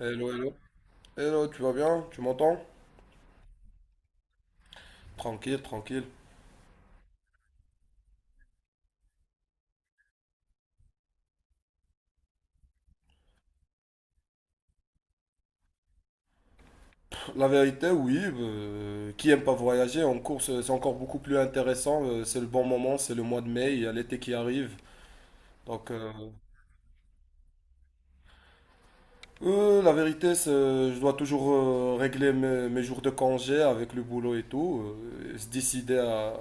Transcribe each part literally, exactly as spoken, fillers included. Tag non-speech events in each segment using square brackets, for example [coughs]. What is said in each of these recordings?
Hello, hello. Hello, tu vas bien? Tu m'entends? Tranquille, tranquille. Pff, la vérité, oui, euh, qui aime pas voyager en course, euh, c'est encore beaucoup plus intéressant. Euh, c'est le bon moment, c'est le mois de mai, il y a l'été qui arrive. Donc, euh, euh, la vérité, c'est, je dois toujours euh, régler mes, mes jours de congé avec le boulot et tout, euh, et se décider à-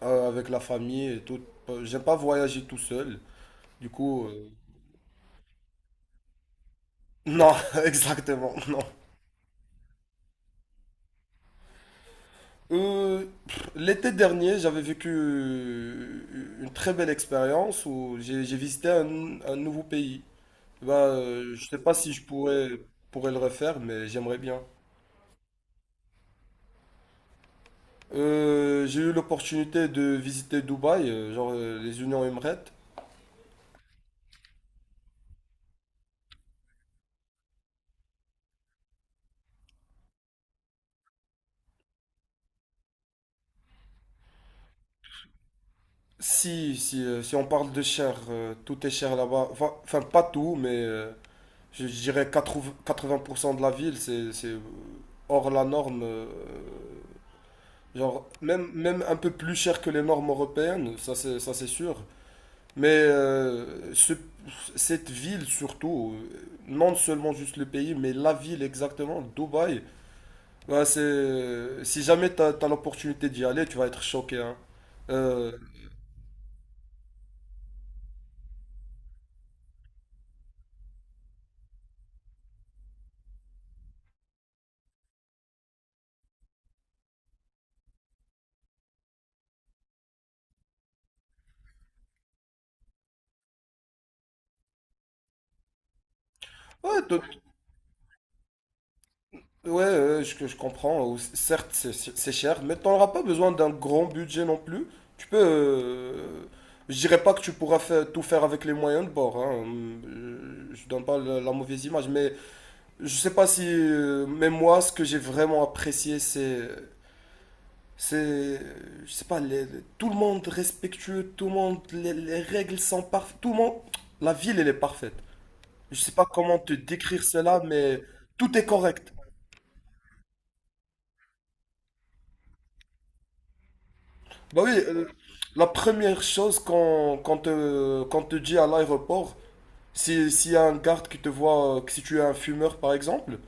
à- avec la famille et tout. Euh, J'aime pas voyager tout seul. Du coup, euh, non, [laughs] exactement, non. Euh, pff, l'été dernier, j'avais vécu euh, une très belle expérience où j'ai j'ai visité un, un nouveau pays. Bah, euh, je sais pas si je pourrais, pourrais le refaire, mais j'aimerais bien. Euh, j'ai eu l'opportunité de visiter Dubaï, euh, genre euh, les Unions Emirates. Si, si, euh, si on parle de cher, euh, tout est cher là-bas. Enfin, enfin, pas tout, mais euh, je, je dirais quatre-vingts quatre-vingts pour cent de la ville, c'est, c'est euh, hors la norme. euh, Genre, même, même un peu plus cher que les normes européennes, ça c'est, ça c'est sûr. Mais euh, ce- Cette ville surtout, euh, non seulement juste le pays, mais la ville exactement, Dubaï, bah, c'est, si jamais t'as, t'as l'opportunité d'y aller, tu vas être choqué, hein. Euh, ouais, Ouais, euh, je, je comprends. euh, Certes, c'est c'est cher, mais tu n'auras pas besoin d'un grand budget non plus. Tu peux. Euh, je dirais pas que tu pourras faire, tout faire avec les moyens de bord. Hein. Euh, Je donne pas la, la mauvaise image, mais je sais pas si. Euh, mais moi, ce que j'ai vraiment apprécié, c'est. C'est. Je sais pas, les- les- tout le monde respectueux, tout le monde. Les, les règles sont parfaites. Tout le monde. La ville, elle est parfaite. Je sais pas comment te décrire cela, mais tout est correct. Bah oui, euh, la première chose qu'on qu'on te, qu'on te dit à l'aéroport, si, s'il y a un garde qui te voit, euh, que si tu es un fumeur par exemple,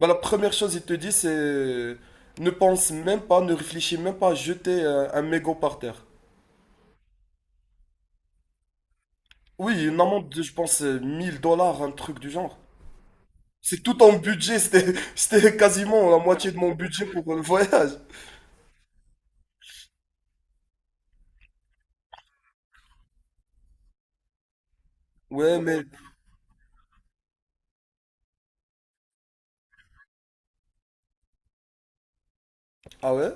bah la première chose il te dit c'est ne pense même pas, ne réfléchis même pas à jeter euh, un, mégot par terre. Oui, une amende de, je pense, euh, mille dollars, un truc du genre. C'est tout en budget, c'était, [laughs] c'était quasiment la moitié de mon budget pour le voyage. Ouais, mais... Ah ouais?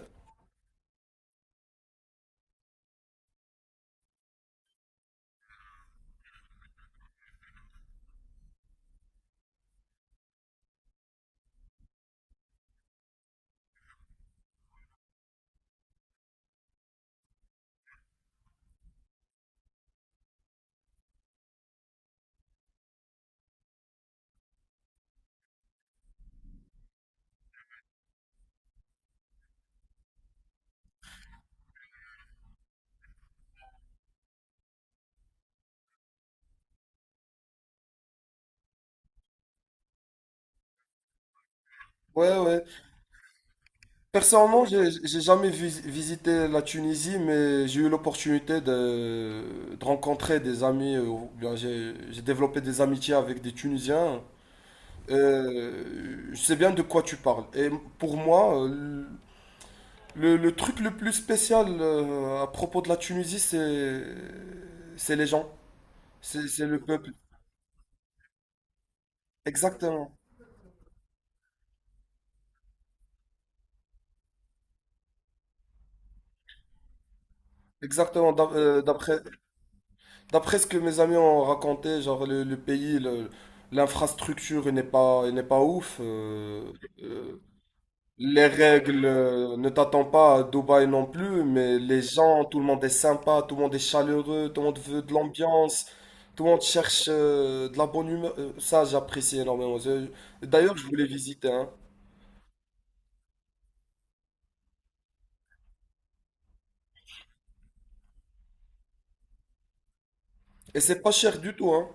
Ouais, ouais. Personnellement, j'ai j'ai jamais vis- visité la Tunisie, mais j'ai eu l'opportunité de, de rencontrer des amis, euh, ou bien j'ai j'ai développé des amitiés avec des Tunisiens. Euh, je sais bien de quoi tu parles. Et pour moi, euh, le, le truc le plus spécial euh, à propos de la Tunisie, c'est c'est les gens, c'est c'est le peuple. Exactement, exactement. D'a- euh, D'après D'après ce que mes amis ont raconté, genre le, le pays, le- l'infrastructure n'est pas, n'est pas ouf. euh, euh, les règles euh, ne t'attendent pas à Dubaï non plus, mais les gens, tout le monde est sympa, tout le monde est chaleureux, tout le monde veut de l'ambiance, tout le monde cherche euh, de la bonne humeur. Euh, Ça, j'apprécie énormément. Je- D'ailleurs, je voulais visiter, hein. Et c'est pas cher du tout, hein.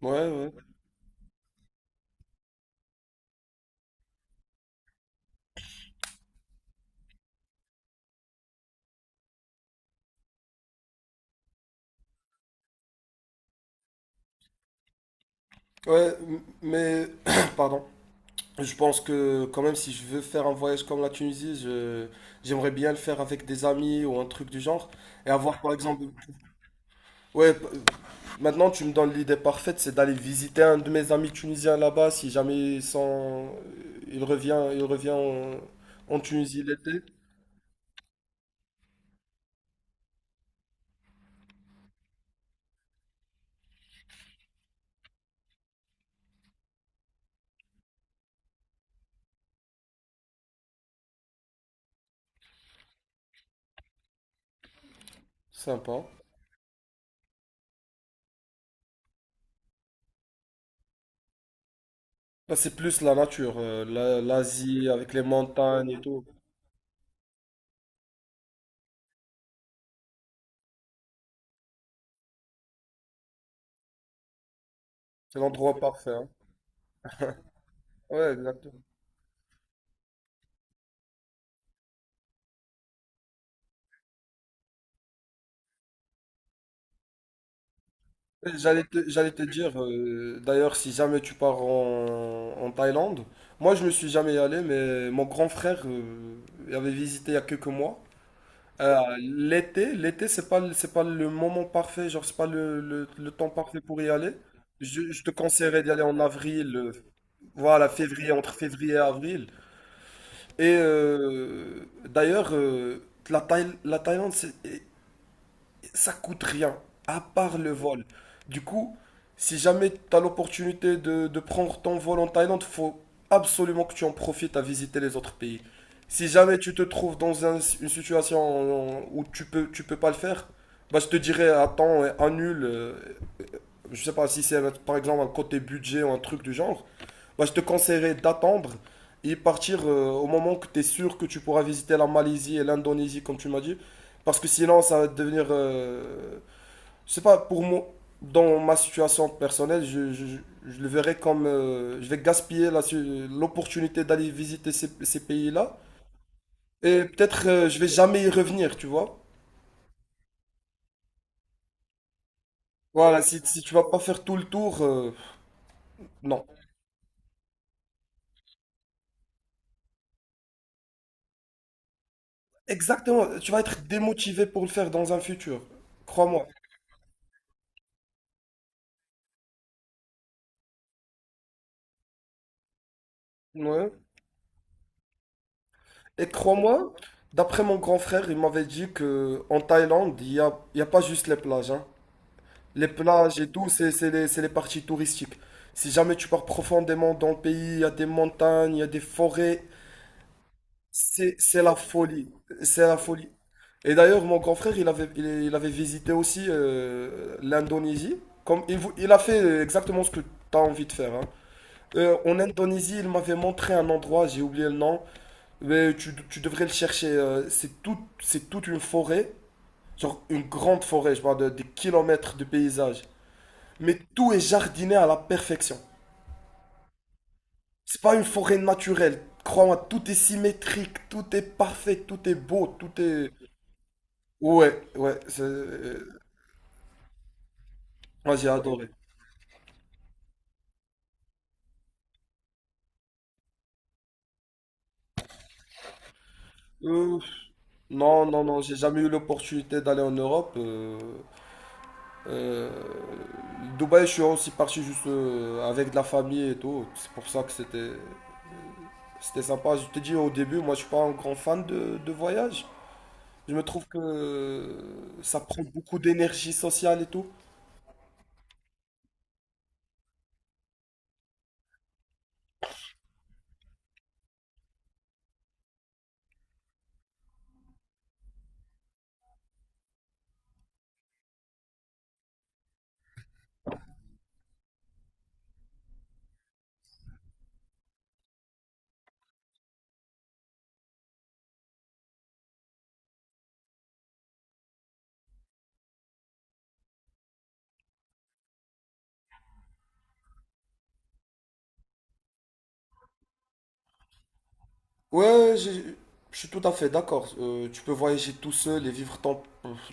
Ouais, ouais. Ouais, m- mais, [coughs] [clears throat] pardon. Je pense que quand même si je veux faire un voyage comme la Tunisie, je j'aimerais bien le faire avec des amis ou un truc du genre et avoir par exemple ouais p- maintenant tu me donnes l'idée parfaite c'est d'aller visiter un de mes amis tunisiens là-bas si jamais ils sont euh, il revient il revient en, en Tunisie l'été. Sympa. Là, c'est plus la nature euh, la- l'Asie avec les montagnes et tout, c'est l'endroit parfait hein. Ouais, exactement. J'allais te, j'allais te dire, euh, d'ailleurs, si jamais tu pars en, en Thaïlande, moi je ne suis jamais allé, mais mon grand frère euh, il avait visité il y a quelques mois. Euh, l'été, l'été, c'est pas, le- c'est pas le moment parfait, genre c'est pas le, le- le temps parfait pour y aller. Je, je te conseillerais d'y aller en avril, euh, voilà, février, entre février et avril. Et euh, d'ailleurs, euh, la Thaï- la Thaïlande, c'est ça coûte rien, à part le vol. Du coup, si jamais tu as l'opportunité de, de prendre ton vol en Thaïlande, faut absolument que tu en profites à visiter les autres pays. Si jamais tu te trouves dans un- une situation où tu peux, tu peux pas le faire, bah je te dirais attends, annule. Euh, je sais pas si c'est par exemple un côté budget ou un truc du genre, bah je te conseillerais d'attendre et partir euh, au moment que tu es sûr que tu pourras visiter la Malaisie et l'Indonésie comme tu m'as dit. Parce que sinon, ça va devenir euh, je sais pas, pour moi, dans ma situation personnelle, je, je- je- le verrais comme euh, je vais gaspiller la su- l'opportunité d'aller visiter ces, ces pays-là. Et peut-être euh, je vais jamais y revenir, tu vois. Voilà, si, si tu vas pas faire tout le tour, euh, non. Exactement, tu vas être démotivé pour le faire dans un futur. Crois-moi. Ouais. Et crois-moi, d'après mon grand frère, il m'avait dit que en Thaïlande, il y a, il y a pas juste les plages, hein. Les plages et tout, c'est c'est les, c'est les parties touristiques. Si jamais tu pars profondément dans le pays, il y a des montagnes, il y a des forêts, c'est c'est la folie, c'est la folie. Et d'ailleurs, mon grand frère, il avait, il, il avait visité aussi euh, l'Indonésie. Comme il, vou- il a fait exactement ce que tu as envie de faire. Hein. Euh, en Indonésie, il m'avait montré un endroit, j'ai oublié le nom, mais tu, tu devrais le chercher. Euh, c'est tout, c'est toute une forêt, genre une grande forêt, je parle de, des kilomètres de paysage, mais tout est jardiné à la perfection. C'est pas une forêt naturelle. Crois-moi, tout est symétrique, tout est parfait, tout est beau, tout est... Ouais, ouais, c'est... euh, Moi, j'ai adoré. Euh, non, non, non, j'ai jamais eu l'opportunité d'aller en Europe. euh, euh, Dubaï, je suis aussi parti juste euh, avec de la famille et tout. C'est pour ça que c'était c'était sympa. Je te dis au début, moi, je suis pas un grand fan de, de voyage. Je me trouve que ça prend beaucoup d'énergie sociale et tout. Ouais, j'ai- je suis tout à fait d'accord. Euh, tu peux voyager tout seul et vivre ton-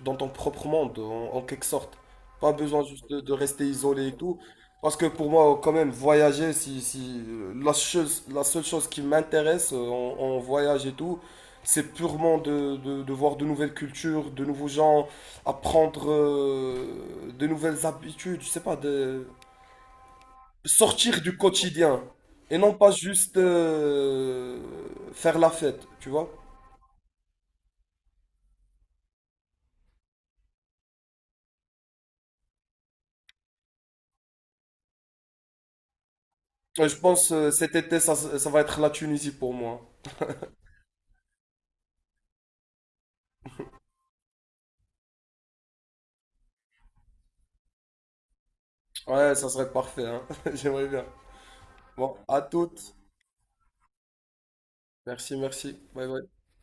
dans ton propre monde, en, en quelque sorte. Pas besoin juste de, de rester isolé et tout. Parce que pour moi, quand même, voyager, si, si, euh, la chose, la seule chose qui m'intéresse euh, en, en voyage et tout, c'est purement de, de- de voir de nouvelles cultures, de nouveaux gens, apprendre euh, de nouvelles habitudes, je sais pas, de, sortir du quotidien et non pas juste euh, faire la fête, tu vois. Ouais, je pense euh, cet été, ça, ça va être la Tunisie pour moi. Ouais, ça serait parfait, hein. [laughs] J'aimerais bien. Bon, à toutes. Merci, merci. Bye bye.